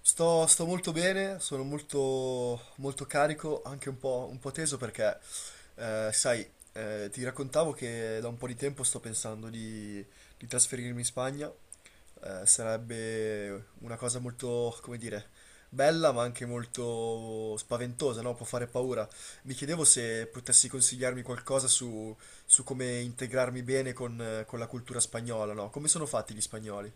Sto molto bene, sono molto, molto carico, anche un po' teso perché, sai, ti raccontavo che da un po' di tempo sto pensando di trasferirmi in Spagna. Sarebbe una cosa molto, come dire, bella ma anche molto spaventosa, no? Può fare paura. Mi chiedevo se potessi consigliarmi qualcosa su come integrarmi bene con la cultura spagnola, no? Come sono fatti gli spagnoli?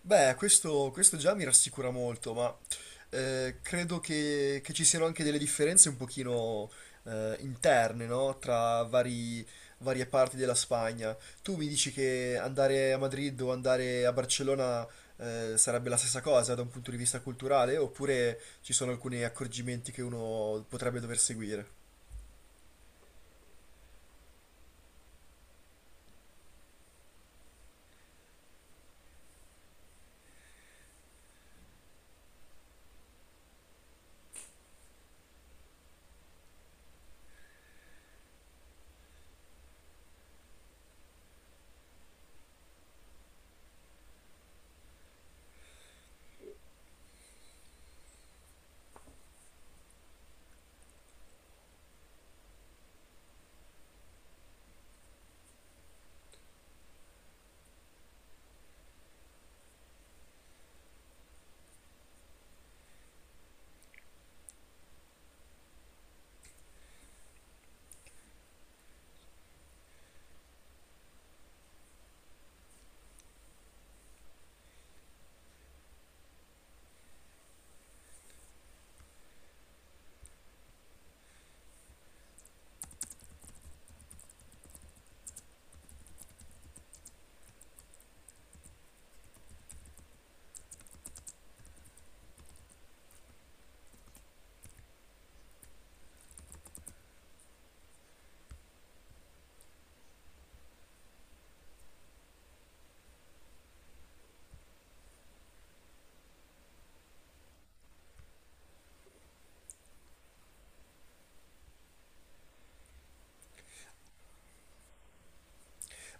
Beh, questo già mi rassicura molto, ma credo che ci siano anche delle differenze un pochino interne, no? Varie parti della Spagna. Tu mi dici che andare a Madrid o andare a Barcellona sarebbe la stessa cosa da un punto di vista culturale, oppure ci sono alcuni accorgimenti che uno potrebbe dover seguire?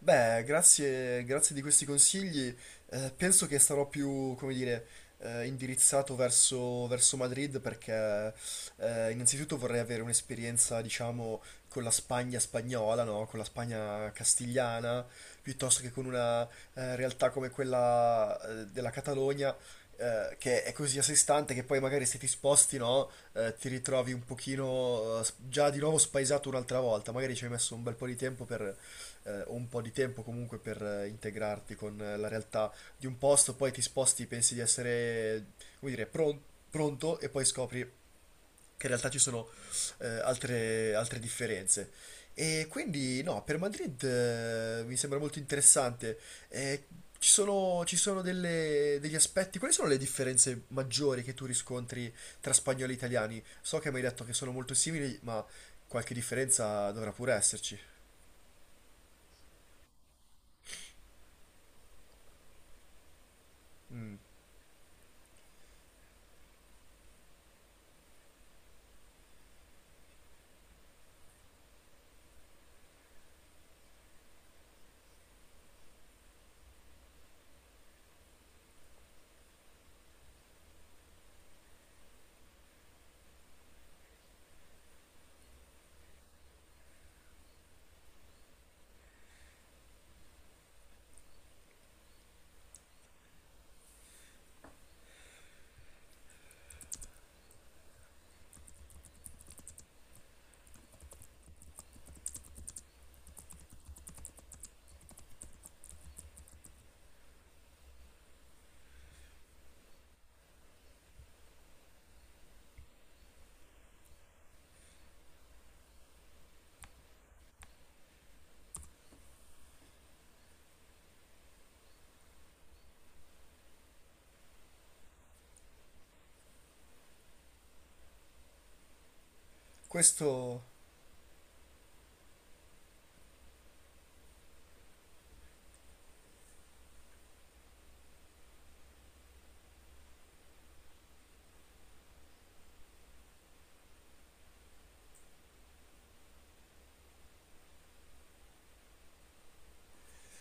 Beh, grazie, grazie di questi consigli. Penso che sarò più, come dire, indirizzato verso Madrid perché innanzitutto vorrei avere un'esperienza, diciamo, con la Spagna spagnola, no? Con la Spagna castigliana, piuttosto che con una realtà come quella della Catalogna. Che è così a sé stante che poi magari se ti sposti, no, ti ritrovi un pochino già di nuovo spaesato un'altra volta. Magari ci hai messo un bel po' di tempo un po' di tempo comunque per integrarti con la realtà di un posto, poi ti sposti, pensi di essere, come dire, pronto e poi scopri che in realtà ci sono altre, altre differenze. E quindi no, per Madrid mi sembra molto interessante. Eh, ci sono degli aspetti, quali sono le differenze maggiori che tu riscontri tra spagnoli e italiani? So che mi hai detto che sono molto simili, ma qualche differenza dovrà pure esserci. Questo...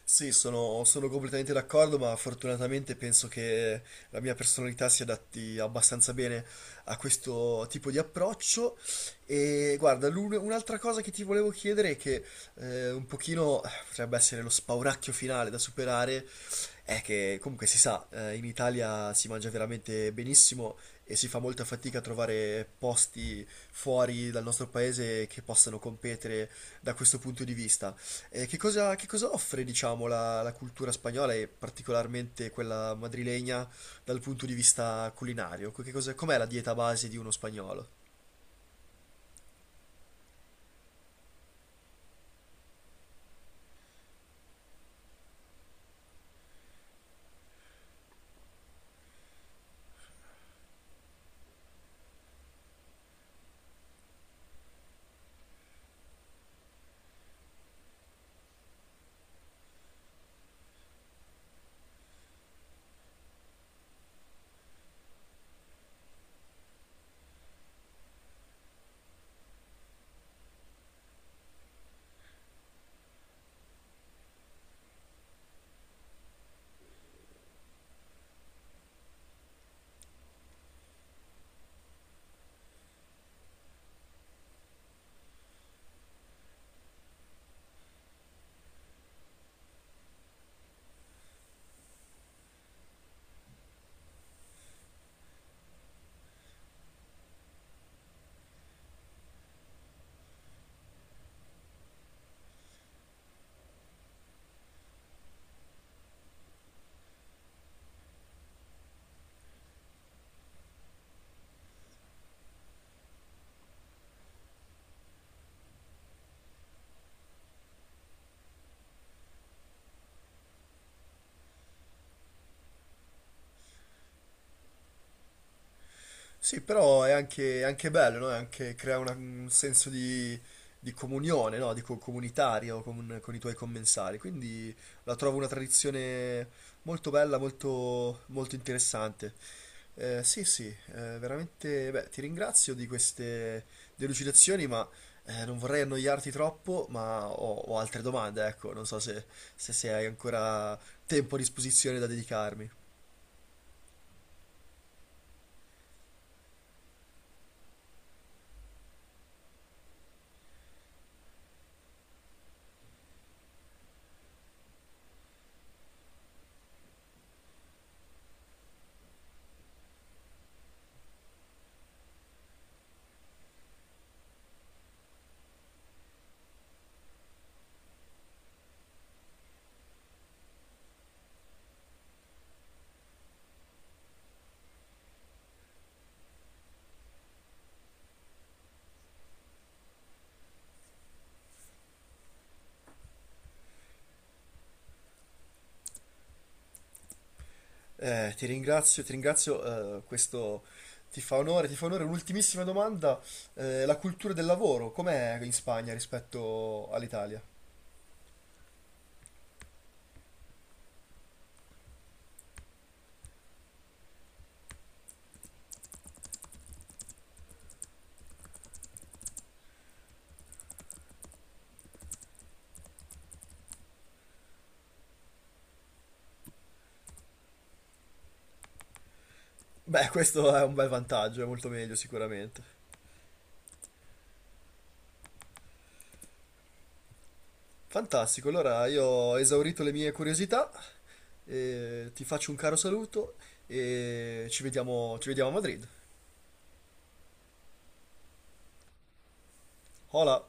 Sì, sono completamente d'accordo, ma fortunatamente penso che la mia personalità si adatti abbastanza bene a questo tipo di approccio. E guarda, un'altra cosa che ti volevo chiedere, è che un pochino potrebbe essere lo spauracchio finale da superare, è che comunque si sa, in Italia si mangia veramente benissimo e si fa molta fatica a trovare posti fuori dal nostro paese che possano competere da questo punto di vista. Che cosa offre, diciamo, la cultura spagnola e particolarmente quella madrilegna dal punto di vista culinario? Com'è la dieta base di uno spagnolo? Sì, è anche bello, no? È anche, crea un senso di comunione, no? Di comunitario con i tuoi commensali. Quindi la trovo una tradizione molto bella, molto, molto interessante. Sì, sì, veramente, beh, ti ringrazio di queste delucidazioni, ma non vorrei annoiarti troppo, ma ho altre domande, ecco, non so se hai ancora tempo a disposizione da dedicarmi. Ti ringrazio, ti ringrazio, questo ti fa onore, ti fa onore. Un'ultimissima domanda, la cultura del lavoro, com'è in Spagna rispetto all'Italia? Beh, questo è un bel vantaggio, è molto meglio sicuramente. Fantastico, allora io ho esaurito le mie curiosità, ti faccio un caro saluto e ci vediamo a Madrid. Hola!